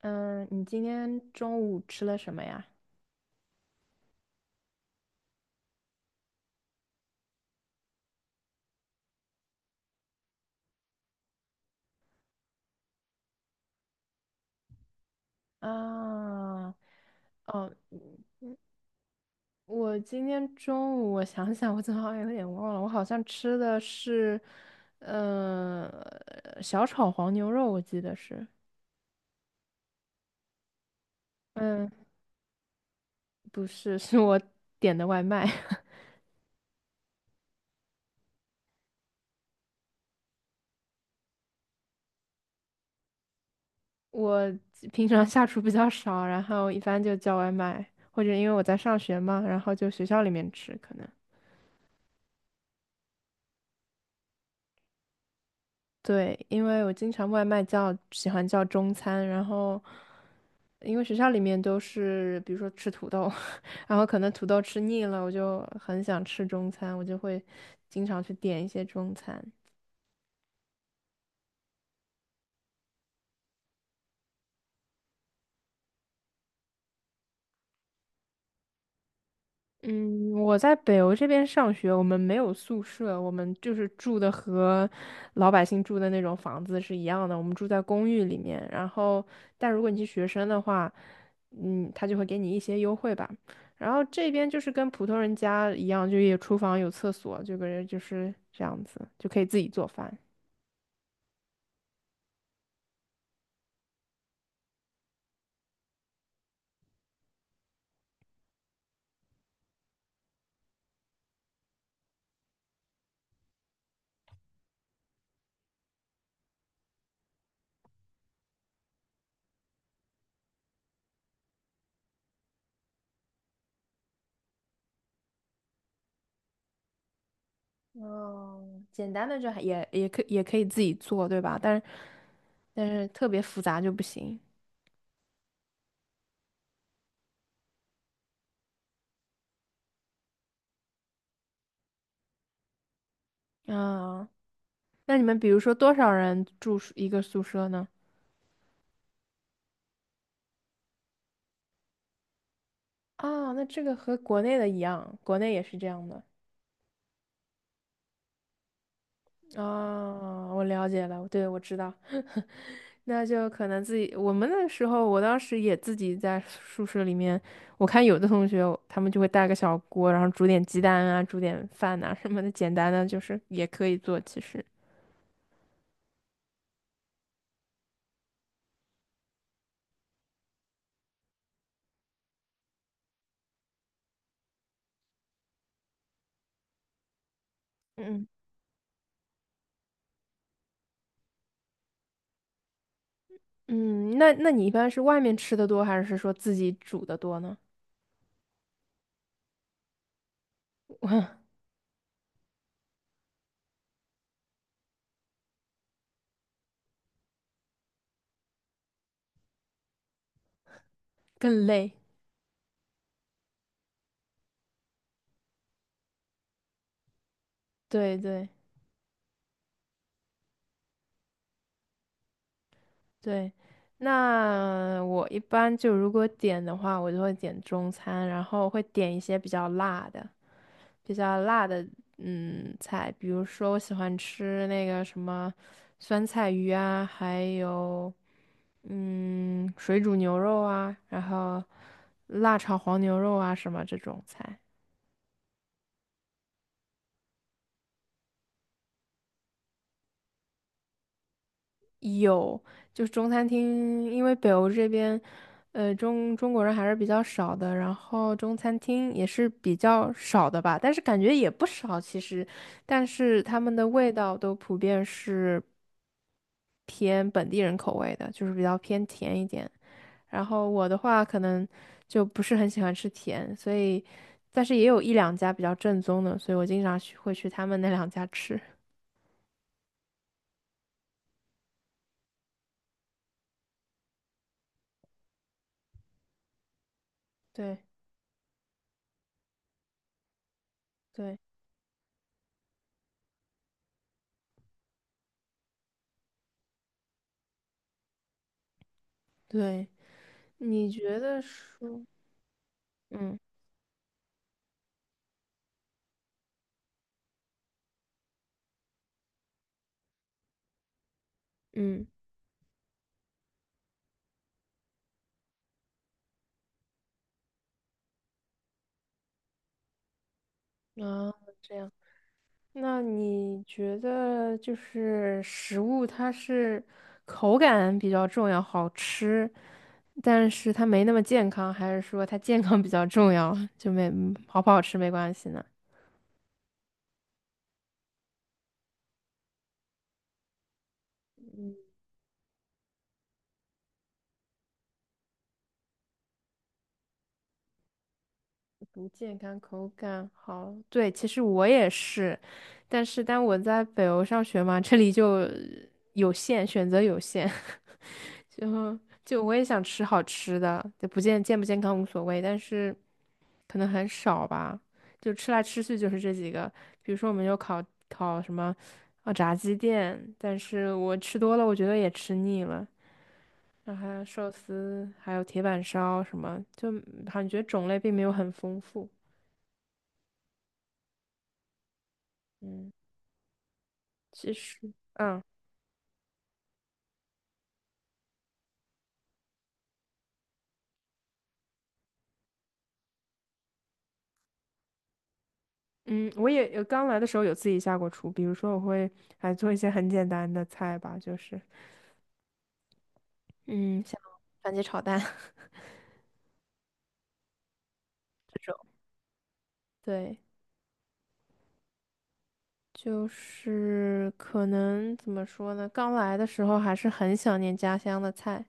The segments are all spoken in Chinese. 嗯，你今天中午吃了什么呀？啊，哦，我今天中午我想想，我怎么好像有点忘了，我好像吃的是，呃，小炒黄牛肉，我记得是，嗯，不是，是我点的外卖。我平常下厨比较少，然后一般就叫外卖，或者因为我在上学嘛，然后就学校里面吃可能。对，因为我经常外卖叫，喜欢叫中餐，然后因为学校里面都是，比如说吃土豆，然后可能土豆吃腻了，我就很想吃中餐，我就会经常去点一些中餐。嗯，我在北欧这边上学，我们没有宿舍，我们就是住的和老百姓住的那种房子是一样的，我们住在公寓里面。然后，但如果你是学生的话，嗯，他就会给你一些优惠吧。然后这边就是跟普通人家一样，就有厨房有厕所，这个人就是这样子，就可以自己做饭。哦，简单的就还也也可也可以自己做，对吧？但是特别复杂就不行。啊，那你们比如说多少人住宿一个宿舍呢？啊，那这个和国内的一样，国内也是这样的。啊，我了解了，对，我知道。那就可能自己，我们那时候，我当时也自己在宿舍里面，我看有的同学他们就会带个小锅，然后煮点鸡蛋啊，煮点饭呐、什么的，简单的就是也可以做，其实。嗯。嗯，那你一般是外面吃的多，还是说自己煮的多呢？更累。对对对，那我一般就如果点的话，我就会点中餐，然后会点一些比较辣的、比较辣的嗯菜，比如说我喜欢吃那个什么酸菜鱼啊，还有嗯水煮牛肉啊，然后辣炒黄牛肉啊什么这种菜。有，就是中餐厅，因为北欧这边，中国人还是比较少的，然后中餐厅也是比较少的吧，但是感觉也不少其实，但是他们的味道都普遍是偏本地人口味的，就是比较偏甜一点。然后我的话可能就不是很喜欢吃甜，所以，但是也有一两家比较正宗的，所以我经常去会去他们那两家吃。对对对，你觉得说？嗯。嗯。啊，这样，那你觉得就是食物它是口感比较重要，好吃，但是它没那么健康，还是说它健康比较重要，就没，嗯好不好吃没关系呢？不健康，口感好。对，其实我也是，但是但我在北欧上学嘛，这里就有限，选择有限，就就我也想吃好吃的，就不健康无所谓，但是可能很少吧，就吃来吃去就是这几个，比如说我们有烤什么啊炸鸡店，但是我吃多了，我觉得也吃腻了。然后还有寿司，还有铁板烧什么，就感觉种类并没有很丰富。嗯，其实，嗯嗯，我也有刚来的时候有自己下过厨，比如说我会还做一些很简单的菜吧，就是嗯，像番茄炒蛋 这种，对，就是可能怎么说呢？刚来的时候还是很想念家乡的菜，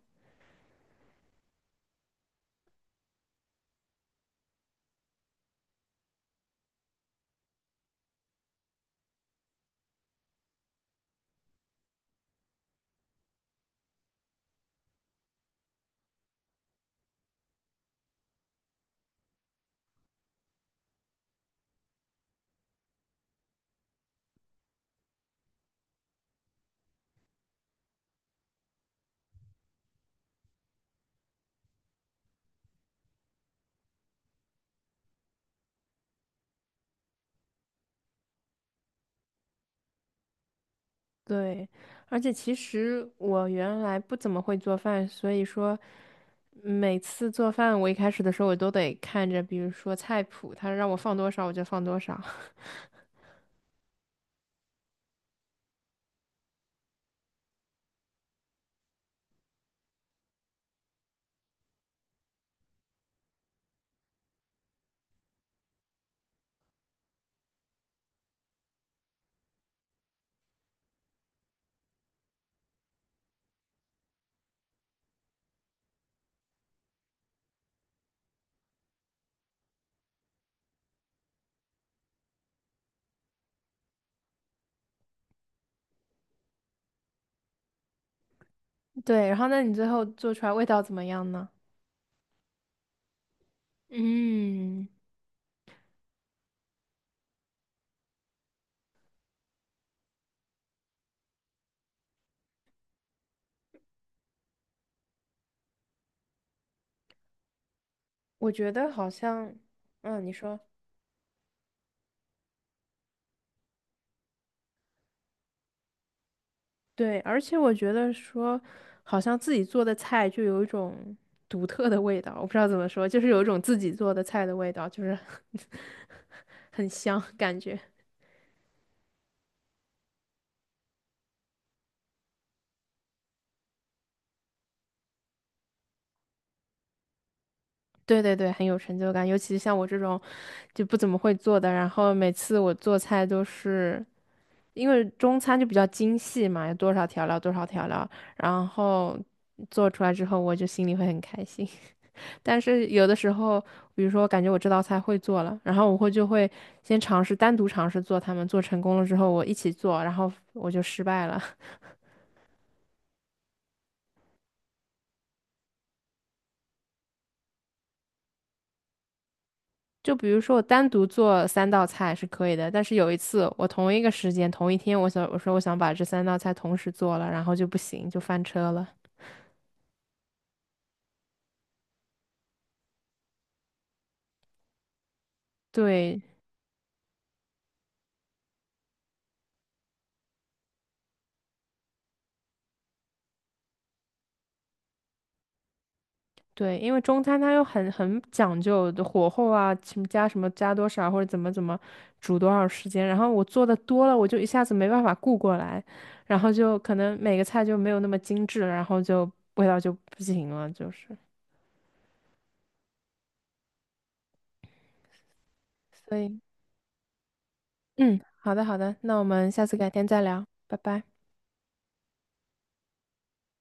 对，而且其实我原来不怎么会做饭，所以说每次做饭，我一开始的时候我都得看着，比如说菜谱，他让我放多少我就放多少。对，然后那你最后做出来味道怎么样呢？嗯，我觉得好像，嗯，你说对，而且我觉得说，好像自己做的菜就有一种独特的味道，我不知道怎么说，就是有一种自己做的菜的味道，就是 很香感觉。对对对，很有成就感，尤其像我这种就不怎么会做的，然后每次我做菜都是。因为中餐就比较精细嘛，有多少调料多少调料，然后做出来之后，我就心里会很开心。但是有的时候，比如说我感觉我这道菜会做了，然后我就会先尝试单独尝试做它们，做成功了之后我一起做，然后我就失败了。就比如说我单独做三道菜是可以的，但是有一次我同一个时间同一天，我想我说我想把这三道菜同时做了，然后就不行，就翻车了。对，对，因为中餐它又很讲究的火候啊，什么加什么加多少或者怎么煮多少时间，然后我做的多了，我就一下子没办法顾过来，然后就可能每个菜就没有那么精致了然后就味道就不行了，就是。所以，嗯，好的好的，那我们下次改天再聊，拜拜。